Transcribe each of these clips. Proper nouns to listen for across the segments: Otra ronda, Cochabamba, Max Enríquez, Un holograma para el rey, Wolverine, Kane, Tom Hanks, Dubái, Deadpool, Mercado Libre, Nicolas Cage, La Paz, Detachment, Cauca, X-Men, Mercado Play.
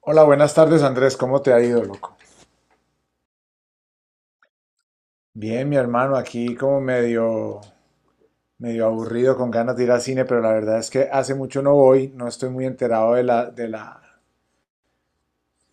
Hola, buenas tardes Andrés, ¿cómo te ha ido, loco? Bien, mi hermano, aquí como medio, medio aburrido con ganas de ir al cine, pero la verdad es que hace mucho no voy, no estoy muy enterado de la, de la,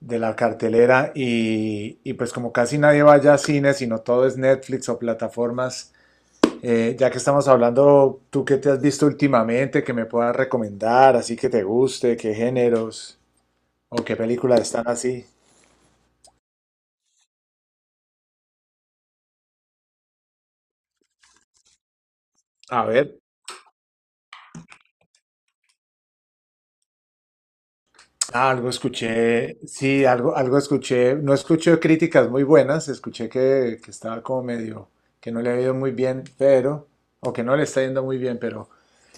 de la cartelera y pues como casi nadie vaya a cine, sino todo es Netflix o plataformas. Ya que estamos hablando, ¿tú qué te has visto últimamente que me puedas recomendar, así que te guste? ¿Qué géneros o qué películas están así? A ver. Algo escuché, sí, algo escuché. No escuché críticas muy buenas, escuché que estaba como medio, que no le ha ido muy bien, pero, o que no le está yendo muy bien, pero,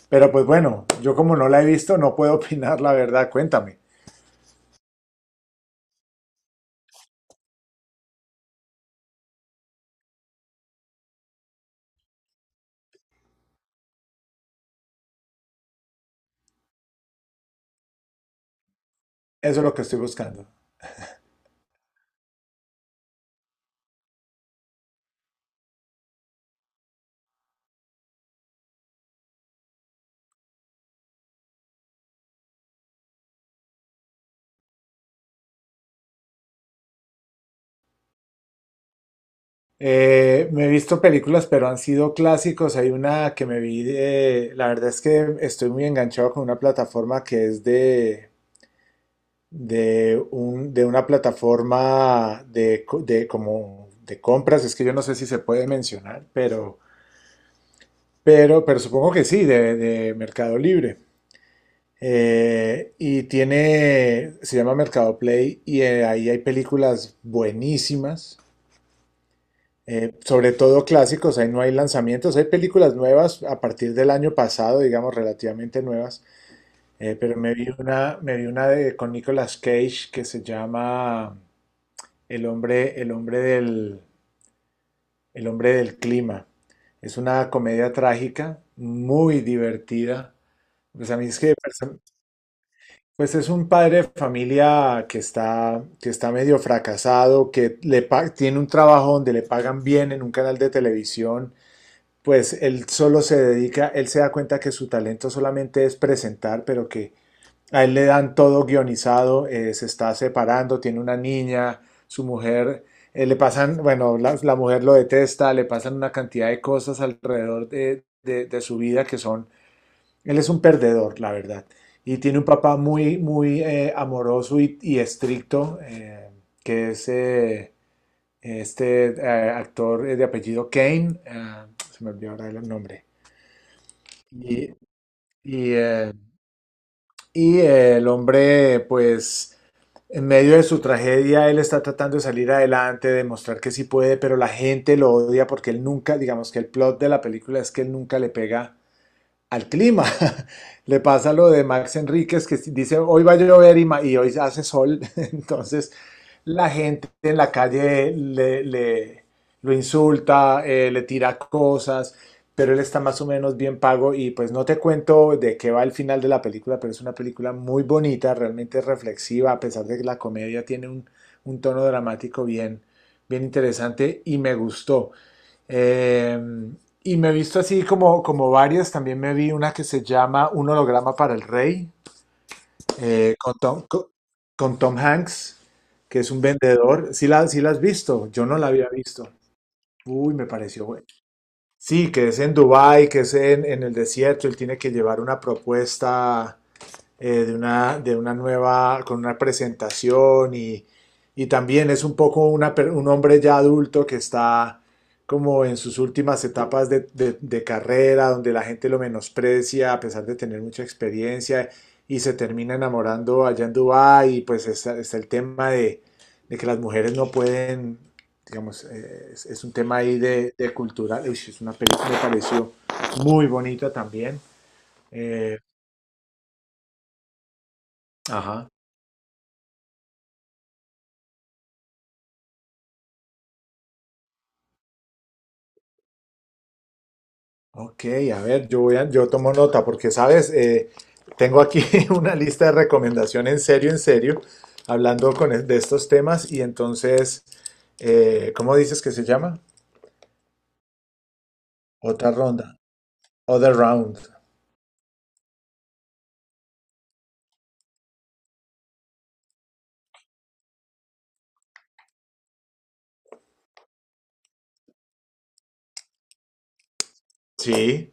pues bueno, yo como no la he visto, no puedo opinar la verdad, cuéntame. Eso es lo que estoy buscando. Me he visto películas, pero han sido clásicos. Hay una que me vi de, la verdad es que estoy muy enganchado con una plataforma que es de una plataforma de, de como de compras. Es que yo no sé si se puede mencionar, pero, pero supongo que sí, de Mercado Libre. Y tiene, se llama Mercado Play y ahí hay películas buenísimas, sobre todo clásicos. Ahí no hay lanzamientos, hay películas nuevas a partir del año pasado, digamos, relativamente nuevas. Pero me vi una de, con Nicolas Cage, que se llama El hombre, el hombre del, el hombre del clima. Es una comedia trágica, muy divertida. Pues a mí es que, pues es un padre de familia que está medio fracasado, que tiene un trabajo donde le pagan bien en un canal de televisión. Pues él solo se dedica, él se da cuenta que su talento solamente es presentar, pero que a él le dan todo guionizado. Se está separando, tiene una niña, su mujer, le pasan, bueno, la mujer lo detesta, le pasan una cantidad de cosas alrededor de su vida que son, él es un perdedor, la verdad. Y tiene un papá muy, muy amoroso y estricto, que es este actor de apellido Kane, ah, se me olvidó ahora el nombre. Y, y, eh, el hombre, pues, en medio de su tragedia, él está tratando de salir adelante, de mostrar que sí puede, pero la gente lo odia porque él nunca, digamos que el plot de la película es que él nunca le pega al clima. Le pasa lo de Max Enríquez, que dice hoy va a llover y hoy hace sol. Entonces la gente en la calle le, lo insulta, le tira cosas, pero él está más o menos bien pago y pues no te cuento de qué va el final de la película, pero es una película muy bonita, realmente reflexiva, a pesar de que la comedia tiene un tono dramático bien, bien interesante y me gustó. Eh, y me he visto así como, como varias. También me vi una que se llama Un holograma para el rey, con con Tom Hanks, que es un vendedor. Sí la, sí la has visto, yo no la había visto. Uy, me pareció bueno. Sí, que es en Dubái, que es en el desierto. Él tiene que llevar una propuesta de una nueva, con una presentación. Y y también es un poco una un hombre ya adulto que está como en sus últimas etapas de, de carrera, donde la gente lo menosprecia a pesar de tener mucha experiencia, y se termina enamorando allá en Dubái. Y pues está, está el tema de que las mujeres no pueden, digamos, es un tema ahí de cultural. Uy, es una película que me pareció muy bonita también. Eh, ajá. Ok, a ver, yo tomo nota porque, sabes, tengo aquí una lista de recomendación, en serio, hablando con de estos temas. Y entonces, ¿cómo dices que se llama? Otra ronda, other round. Sí.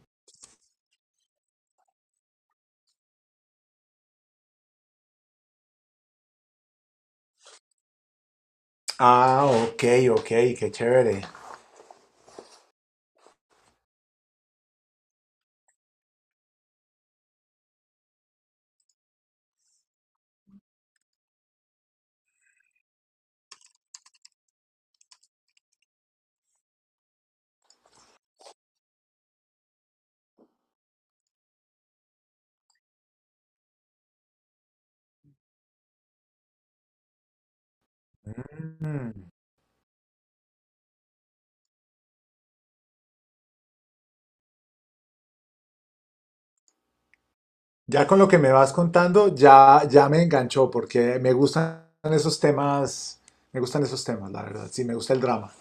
Ah, ok, ok, qué chévere. Mm. Ya con lo que me vas contando, ya, ya me enganchó porque me gustan esos temas, me gustan esos temas, la verdad. Sí, me gusta el drama.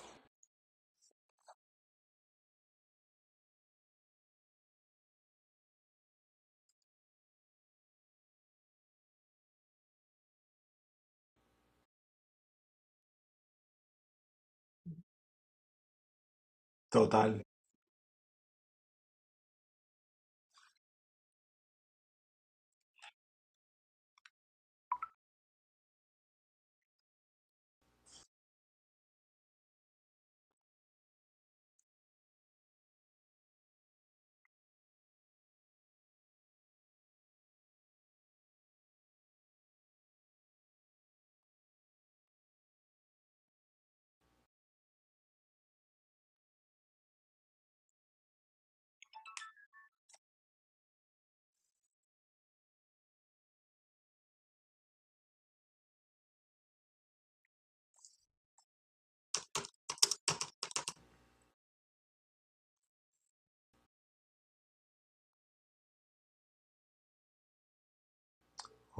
Total.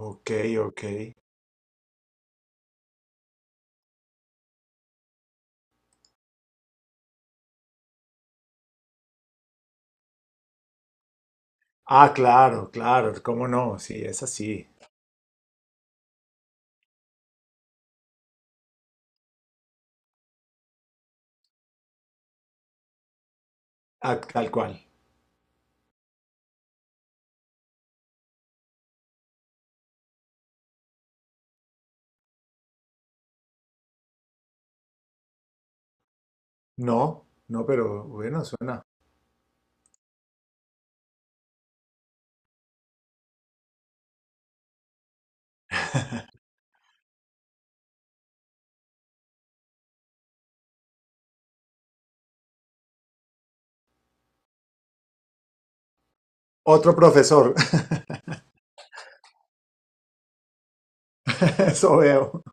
Ok, ok. Ah, claro, claro, cómo no, sí, es así, ah, tal cual. No, no, pero bueno, suena. Otro profesor, eso veo,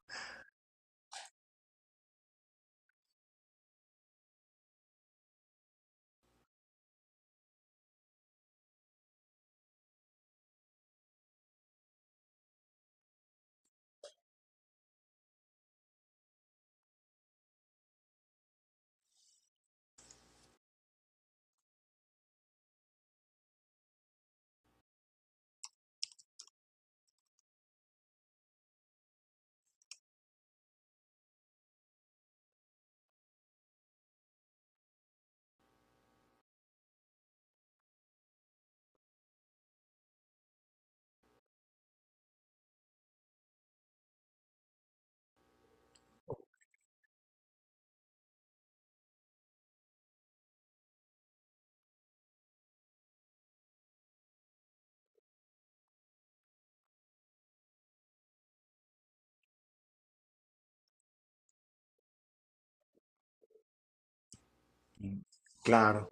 claro.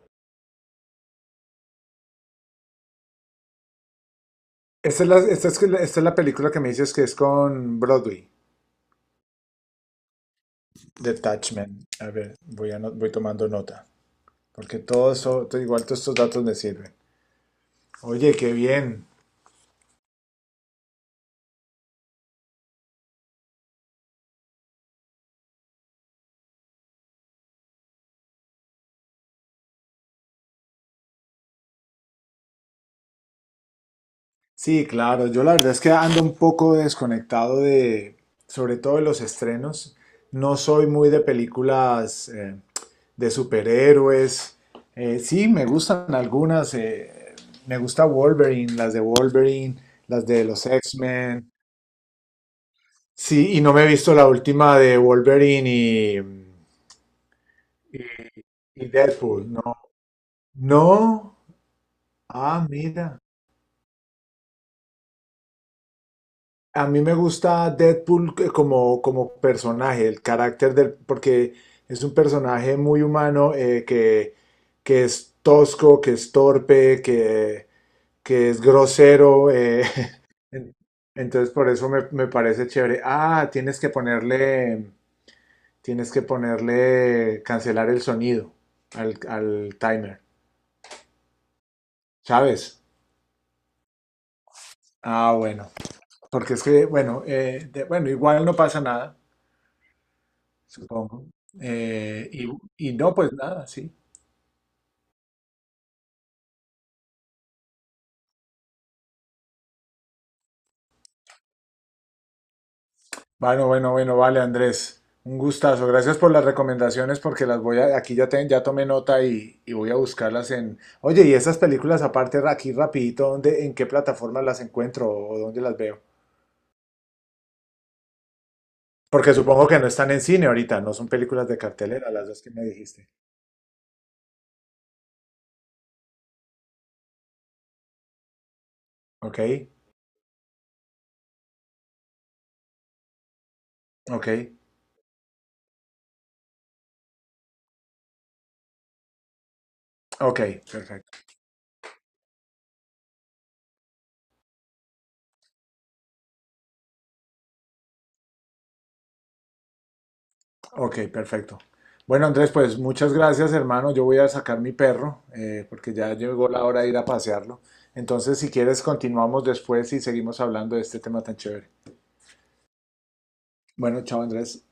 Esta es la, esta es, esta es la película que me dices que es con Broadway, Detachment. A ver, voy, voy tomando nota, porque todo eso, igual todos estos datos me sirven. Oye, qué bien. Sí, claro. Yo la verdad es que ando un poco desconectado de, sobre todo de los estrenos. No soy muy de películas de superhéroes. Sí, me gustan algunas. Me gusta Wolverine, las de los X-Men. Sí, y no me he visto la última de Wolverine, y, y Deadpool. No. No. Ah, mira. A mí me gusta Deadpool como, como personaje, el carácter del, porque es un personaje muy humano que es tosco, que es torpe, que es grosero. En- Entonces por eso me, me parece chévere. Ah, tienes que ponerle, cancelar el sonido al, al timer, ¿sabes? Ah, bueno, porque es que, bueno, bueno, igual no pasa nada, supongo. Eh, y, y no, pues nada, sí. Bueno, bueno, bueno, vale, Andrés. Un gustazo. Gracias por las recomendaciones, porque las voy a, aquí ya, ya tomé nota y voy a buscarlas en... Oye, y esas películas aparte aquí rapidito, ¿dónde, en qué plataforma las encuentro o dónde las veo? Porque supongo que no están en cine ahorita, no son películas de cartelera, las dos que me dijiste. Ok, ok, ok, perfecto. Ok, perfecto. Bueno, Andrés, pues muchas gracias, hermano. Yo voy a sacar mi perro porque ya llegó la hora de ir a pasearlo. Entonces, si quieres, continuamos después y seguimos hablando de este tema tan chévere. Bueno, chao, Andrés.